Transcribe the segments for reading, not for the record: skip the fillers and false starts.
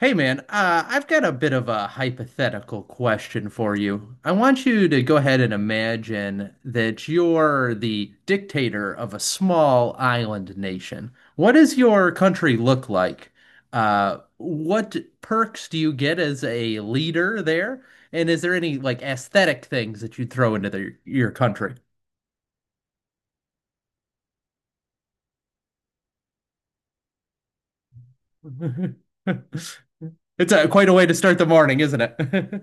Hey man, I've got a bit of a hypothetical question for you. I want you to go ahead and imagine that you're the dictator of a small island nation. What does your country look like? What perks do you get as a leader there? And is there any like aesthetic things that you'd throw into your country? It's a, quite a way to start the morning, isn't it?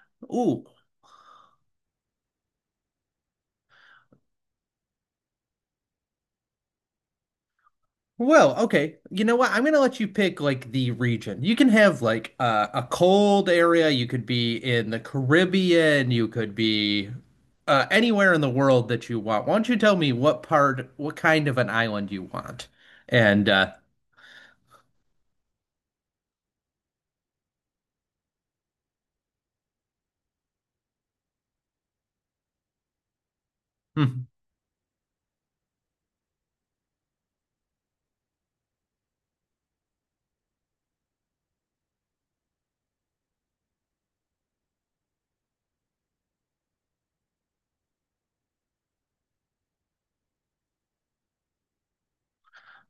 Ooh, well, okay. You know what? I'm gonna let you pick like the region. You can have like a cold area. You could be in the Caribbean. You could be anywhere in the world that you want. Why don't you tell me what part, what kind of an island you want? And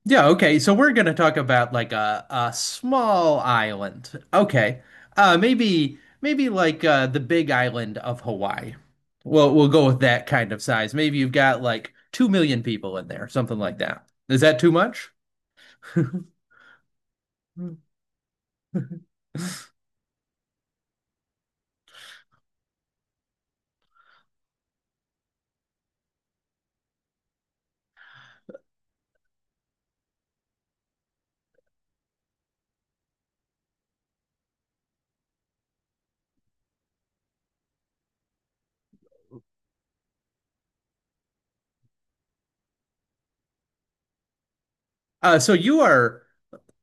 Yeah, okay. So we're going to talk about like a small island. Okay. Maybe like the big island of Hawaii. Well, we'll go with that kind of size. Maybe you've got like 2 million people in there, something like that. Is that too much? So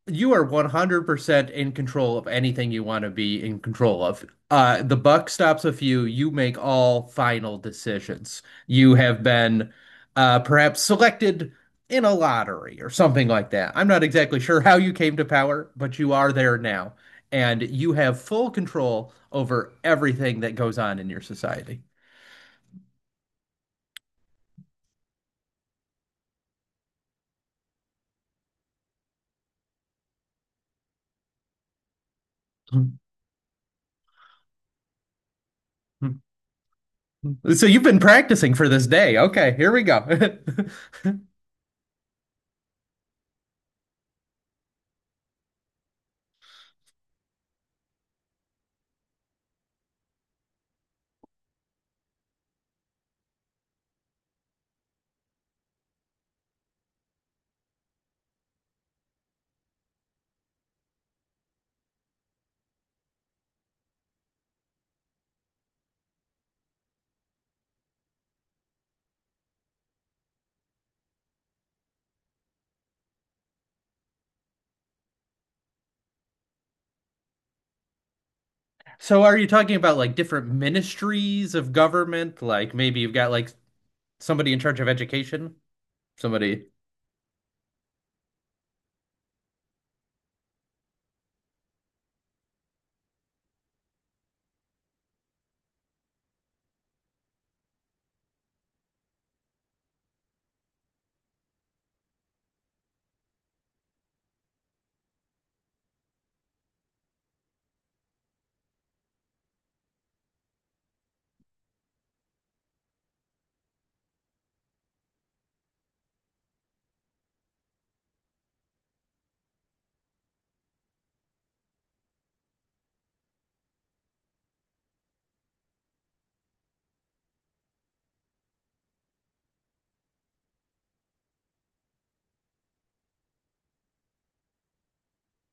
you are 100% in control of anything you want to be in control of. The buck stops with you. You make all final decisions. You have been perhaps selected in a lottery or something like that. I'm not exactly sure how you came to power, but you are there now. And you have full control over everything that goes on in your society. So you've been practicing for this day. Okay, here we go. So are you talking about like different ministries of government? Like maybe you've got like somebody in charge of education, somebody.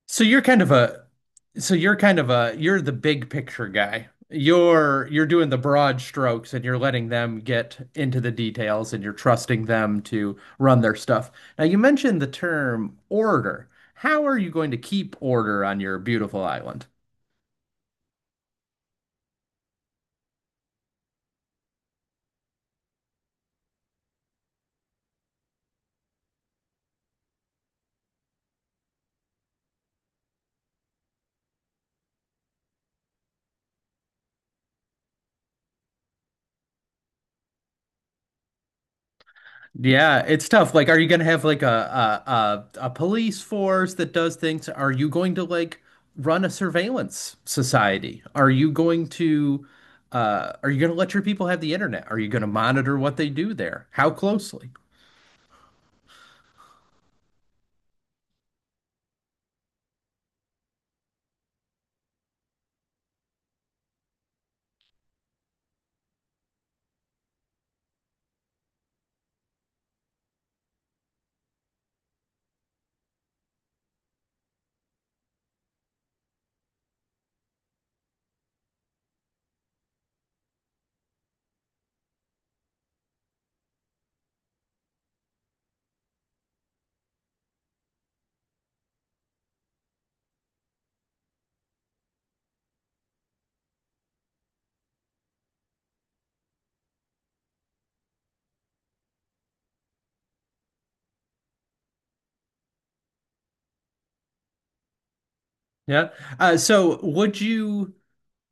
So you're kind of a so you're kind of a you're the big picture guy. You're doing the broad strokes and you're letting them get into the details and you're trusting them to run their stuff. Now you mentioned the term order. How are you going to keep order on your beautiful island? Yeah, it's tough. Like, are you gonna have like a police force that does things? Are you going to like run a surveillance society? Are you going to are you gonna let your people have the internet? Are you gonna monitor what they do there? How closely? Yeah. So would you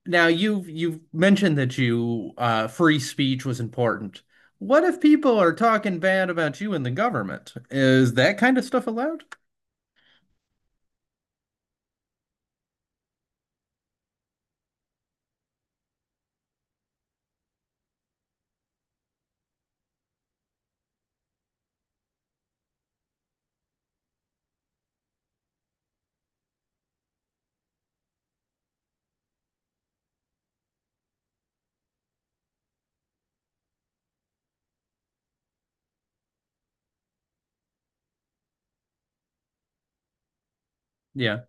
now you've mentioned that you free speech was important. What if people are talking bad about you and the government? Is that kind of stuff allowed? Yeah.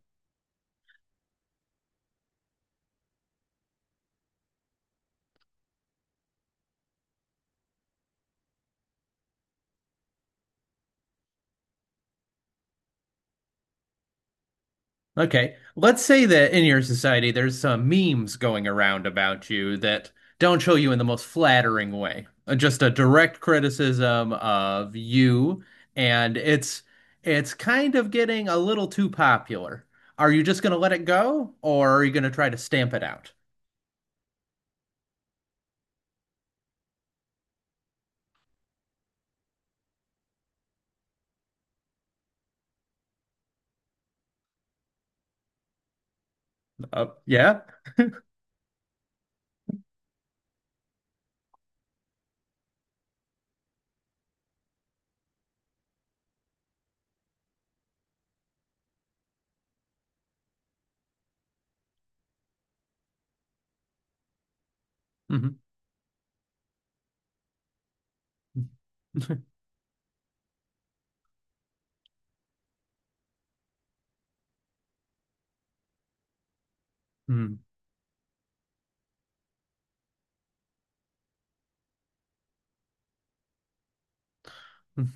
Okay. Let's say that in your society there's some memes going around about you that don't show you in the most flattering way. Just a direct criticism of you, and it's kind of getting a little too popular. Are you just going to let it go, or are you going to try to stamp it out? Yeah. Mm-hmm. Hmm.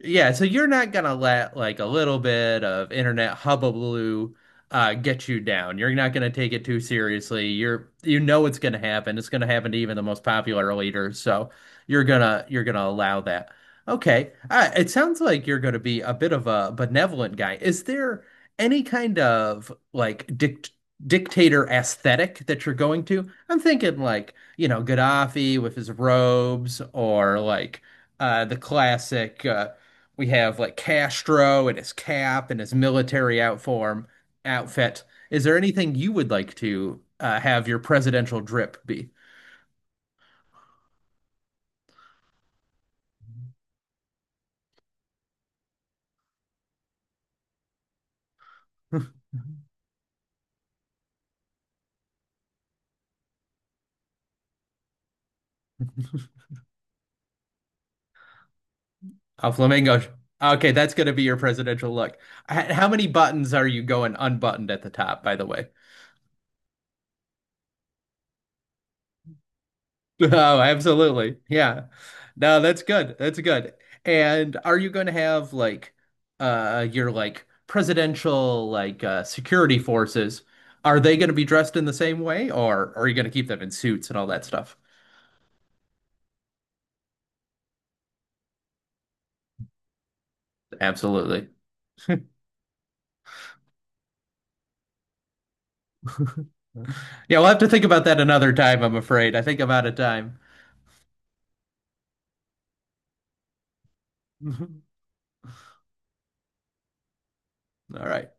Yeah, so you're not gonna let like a little bit of internet hullabaloo get you down. You're not gonna take it too seriously. You're you know it's gonna happen. It's gonna happen to even the most popular leaders. So you're gonna allow that. Okay. It sounds like you're gonna be a bit of a benevolent guy. Is there any kind of like dictator aesthetic that you're going to? I'm thinking like, you know, Gaddafi with his robes or like the classic we have like Castro and his cap and his military outform outfit. Is there anything you would like to have your presidential drip be? A flamingo. Okay, that's going to be your presidential look. How many buttons are you going unbuttoned at the top, by the way? Oh, absolutely. Yeah. No, that's good. That's good. And are you going to have like your like presidential like security forces? Are they going to be dressed in the same way or are you going to keep them in suits and all that stuff? Absolutely. Yeah, we'll have to think about that another time, I'm afraid. I think I'm out of time. All right.